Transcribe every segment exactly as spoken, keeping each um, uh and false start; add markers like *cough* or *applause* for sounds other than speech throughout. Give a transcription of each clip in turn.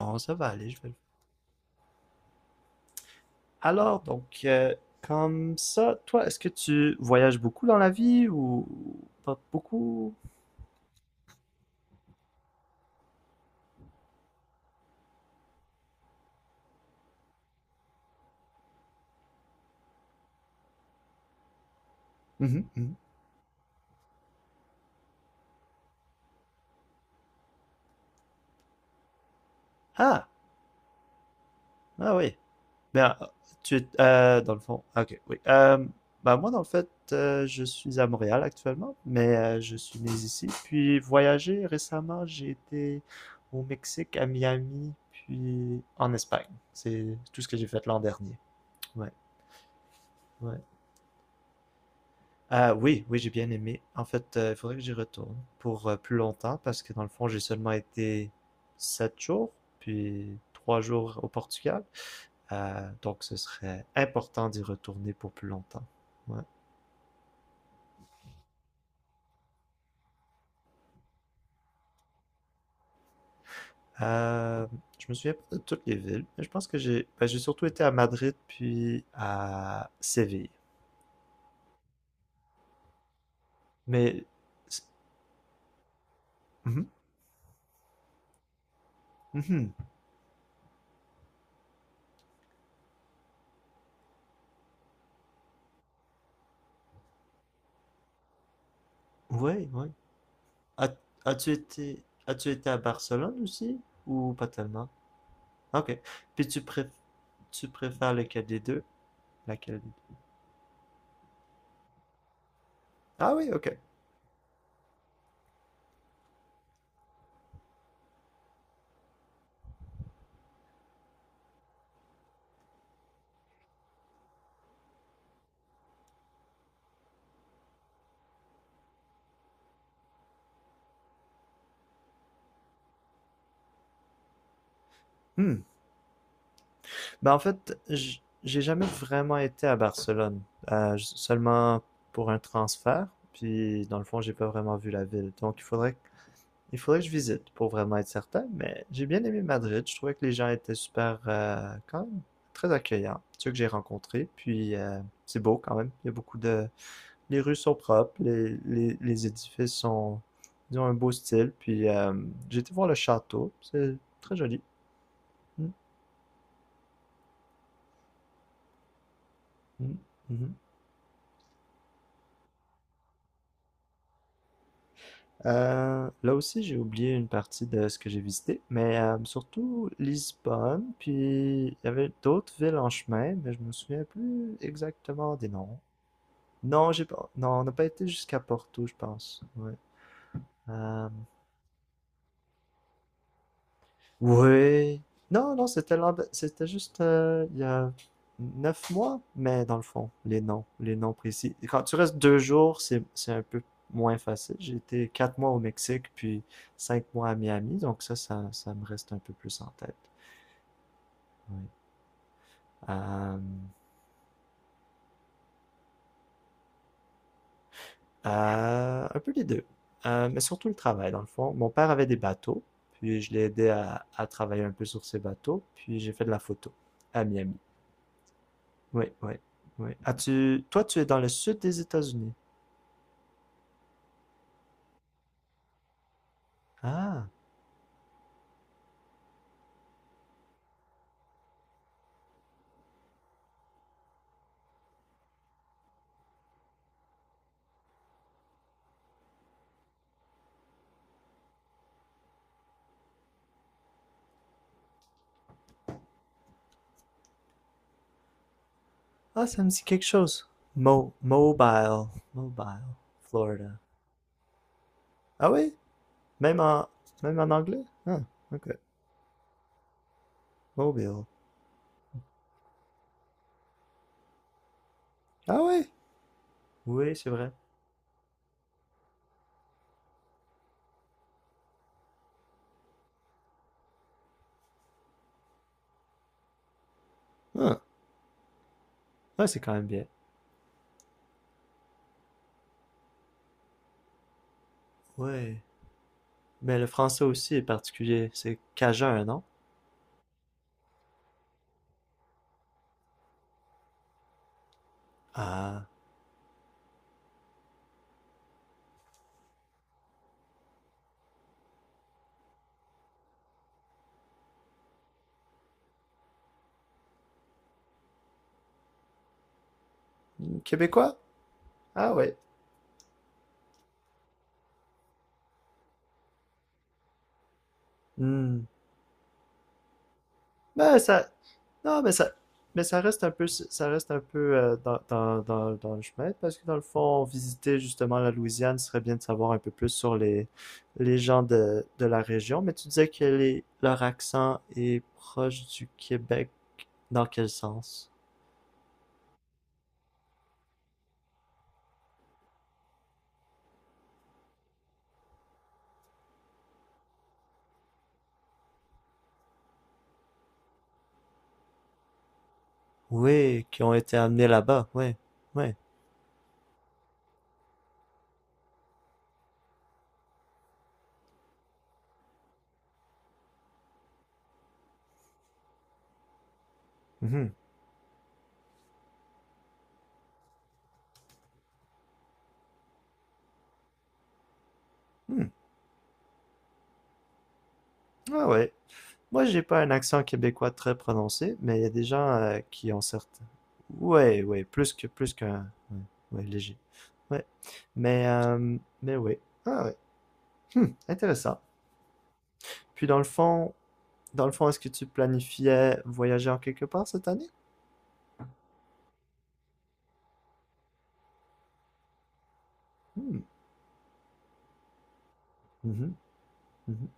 Bon ça va aller, je vais le faire. Alors, donc, euh, comme ça, toi, est-ce que tu voyages beaucoup dans la vie ou pas beaucoup? Mhm, mhm. Ah, ah oui. Ben, tu es, euh, dans le fond, ah, ok, oui. Euh, ben moi, dans le fait, euh, je suis à Montréal actuellement, mais euh, je suis né ici. Puis voyager récemment, j'ai été au Mexique, à Miami, puis en Espagne. C'est tout ce que j'ai fait l'an dernier. Ouais, ouais. Ah oui, oui, j'ai bien aimé. En fait, euh, il faudrait que j'y retourne pour euh, plus longtemps parce que dans le fond, j'ai seulement été sept jours, puis trois jours au Portugal. Euh, donc, ce serait important d'y retourner pour plus longtemps. Ouais. Euh, je me souviens pas de toutes les villes, mais je pense que j'ai ben, j'ai surtout été à Madrid puis à Séville. Mais mhm, mhm, ouais, ouais. As, as-tu été as-tu été à Barcelone aussi ou pas tellement? Ok. Puis tu préf- tu préfères lequel des deux? Laquelle des deux? Ah oui, ok. Hmm. Ben, en fait, j- j'ai jamais vraiment été à Barcelone. Euh, j- seulement pour un transfert. Puis, dans le fond, j'ai pas vraiment vu la ville. Donc, il faudrait, il faudrait que je visite pour vraiment être certain. Mais j'ai bien aimé Madrid. Je trouvais que les gens étaient super, euh, quand même, très accueillants, ceux que j'ai rencontrés. Puis, euh, c'est beau quand même. Il y a beaucoup de, Les rues sont propres, les, les, les édifices sont, ils ont un beau style. Puis, euh, j'ai été voir le château. C'est très joli. Mm, mm, mhm. Euh, là aussi, j'ai oublié une partie de ce que j'ai visité, mais euh, surtout Lisbonne, puis il y avait d'autres villes en chemin, mais je me souviens plus exactement des noms. Non, j'ai pas, non, on n'a pas été jusqu'à Porto, je pense. Ouais. Euh, Oui. Non, non, c'était l'an... c'était juste euh, il y a neuf mois, mais dans le fond, les noms, les noms précis. Et quand tu restes deux jours, c'est c'est un peu moins facile. J'ai été quatre mois au Mexique, puis cinq mois à Miami, donc ça, ça, ça me reste un peu plus en tête. Oui. Euh, euh, un peu les deux. Euh, mais surtout le travail, dans le fond. Mon père avait des bateaux, puis je l'ai aidé à, à travailler un peu sur ses bateaux, puis j'ai fait de la photo à Miami. Oui, oui, oui. as tu... Toi, tu es dans le sud des États-Unis. Ah, ah, ça me dit quelque chose. Mo- mobile, mobile, Florida. Ah oui? Même en, même en anglais? Ah, ok. Mobile. Ah oui? Oui, c'est vrai. Ah, ouais, c'est quand même bien. Oui. Mais le français aussi est particulier. C'est cajun, non? Ah. Québécois? Ah oui. Hmm. Mais ça. Non, mais ça. Mais ça reste un peu, ça reste un peu euh, dans, dans, dans, dans le chemin, parce que dans le fond, visiter justement la Louisiane, ce serait bien de savoir un peu plus sur les, les gens de, de la région. Mais tu disais que les, leur accent est proche du Québec. Dans quel sens? Oui, qui ont été amenés là-bas. Oui, oui. Mhm. Hmm. Ah ouais. Moi, j'ai pas un accent québécois très prononcé, mais il y a des gens euh, qui ont certains. Ouais, ouais, plus que plus qu'un. Ouais, ouais, léger. Ouais. Mais euh, mais ouais. Ah ouais. Hmm, intéressant. Puis dans le fond, dans le fond, est-ce que tu planifiais voyager en quelque part cette année? Hmm. Mhm, mhm.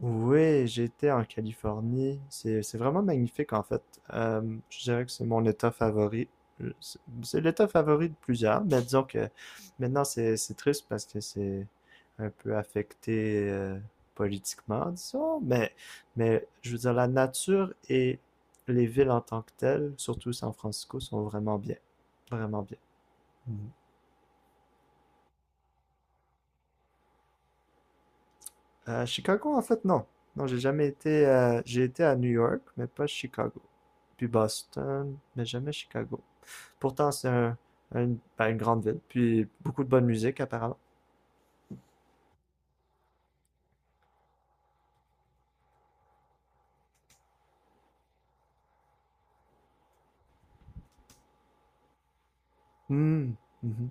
Oui, j'étais en Californie. C'est c'est vraiment magnifique en fait. Euh, je dirais que c'est mon état favori. Euh, C'est c'est l'état favori de plusieurs, mais disons que maintenant c'est c'est triste parce que c'est un peu affecté euh, politiquement, disons. Mais mais je veux dire la nature et les villes en tant que telles, surtout San Francisco, sont vraiment bien, vraiment bien. Euh, Chicago, en fait, non. Non, j'ai jamais été. Euh, j'ai été à New York, mais pas Chicago. Puis Boston, mais jamais Chicago. Pourtant, c'est un- un- ben, une grande ville, puis beaucoup de bonne musique, apparemment. Hmm, mhm.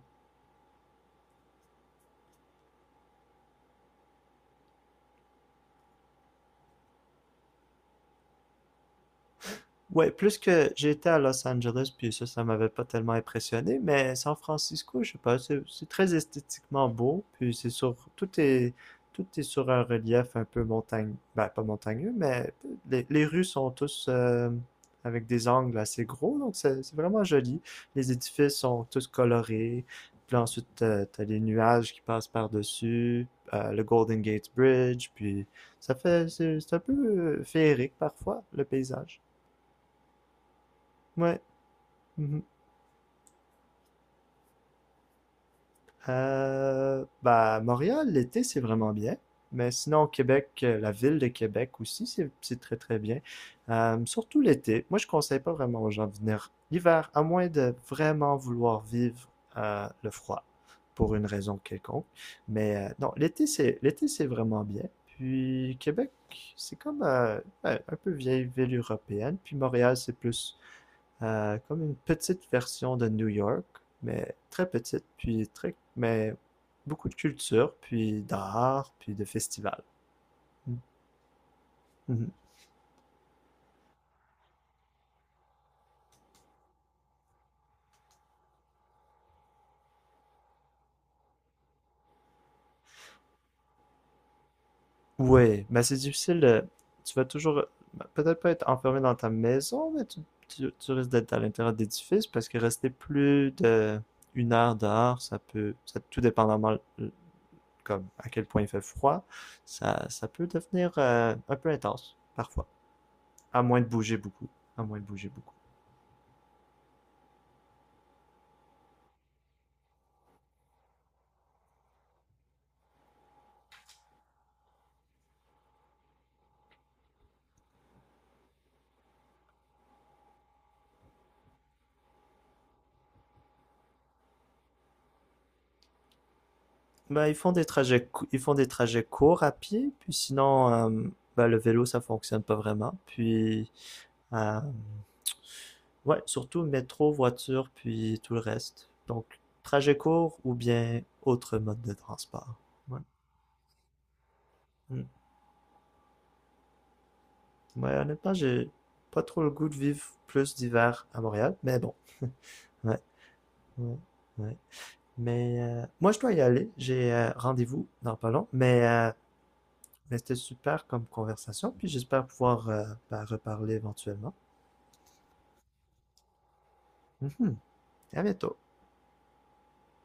Ouais, plus que j'étais à Los Angeles, puis ça, ça m'avait pas tellement impressionné, mais San Francisco, je sais pas, c'est c'est très esthétiquement beau, puis c'est sur, tout est, tout est sur un relief un peu montagne, ben pas montagneux, mais les, les rues sont tous euh, avec des angles assez gros, donc c'est c'est vraiment joli. Les édifices sont tous colorés, puis là, ensuite t'as, t'as les nuages qui passent par-dessus, euh, le Golden Gate Bridge, puis ça fait, c'est c'est un peu euh, féerique parfois, le paysage. Ouais, mhm. Euh, bah, Montréal, l'été, c'est vraiment bien. Mais sinon, au Québec, euh, la ville de Québec aussi, c'est c'est très très bien. Euh, surtout l'été. Moi, je conseille pas vraiment aux gens de venir l'hiver, à moins de vraiment vouloir vivre euh, le froid pour une raison quelconque. Mais euh, non, l'été, c'est l'été, c'est vraiment bien. Puis Québec, c'est comme euh, ouais, un peu vieille ville européenne. Puis Montréal, c'est plus euh, comme une petite version de New York, mais très petite, puis très, mais beaucoup de culture, puis d'art, puis de festivals. Mhm. Ouais, mais c'est difficile. de- Tu vas toujours, peut-être pas être enfermé dans ta maison, mais tu, tu- tu risques d'être à l'intérieur d'édifices parce que rester plus de une heure dehors, ça peut, ça, tout dépendamment euh, comme à quel point il fait froid, ça, ça peut devenir euh, un peu intense parfois, à moins de bouger beaucoup, à moins de bouger beaucoup. Ben, ils font des trajets, cou- ils font des trajets courts à pied, puis sinon, euh, ben, le vélo, ça fonctionne pas vraiment. Puis, euh, ouais, surtout métro, voiture, puis tout le reste. Donc, trajet court ou bien autre mode de transport. Ouais, mm. Ouais, honnêtement, j'ai pas trop le goût de vivre plus d'hiver à Montréal, mais bon. *laughs* Ouais, ouais, ouais. Mais euh, moi, je dois y aller. J'ai euh, rendez-vous dans pas long. Mais euh, mais c'était super comme conversation, puis j'espère pouvoir euh, ben, reparler éventuellement. Mhm. À bientôt.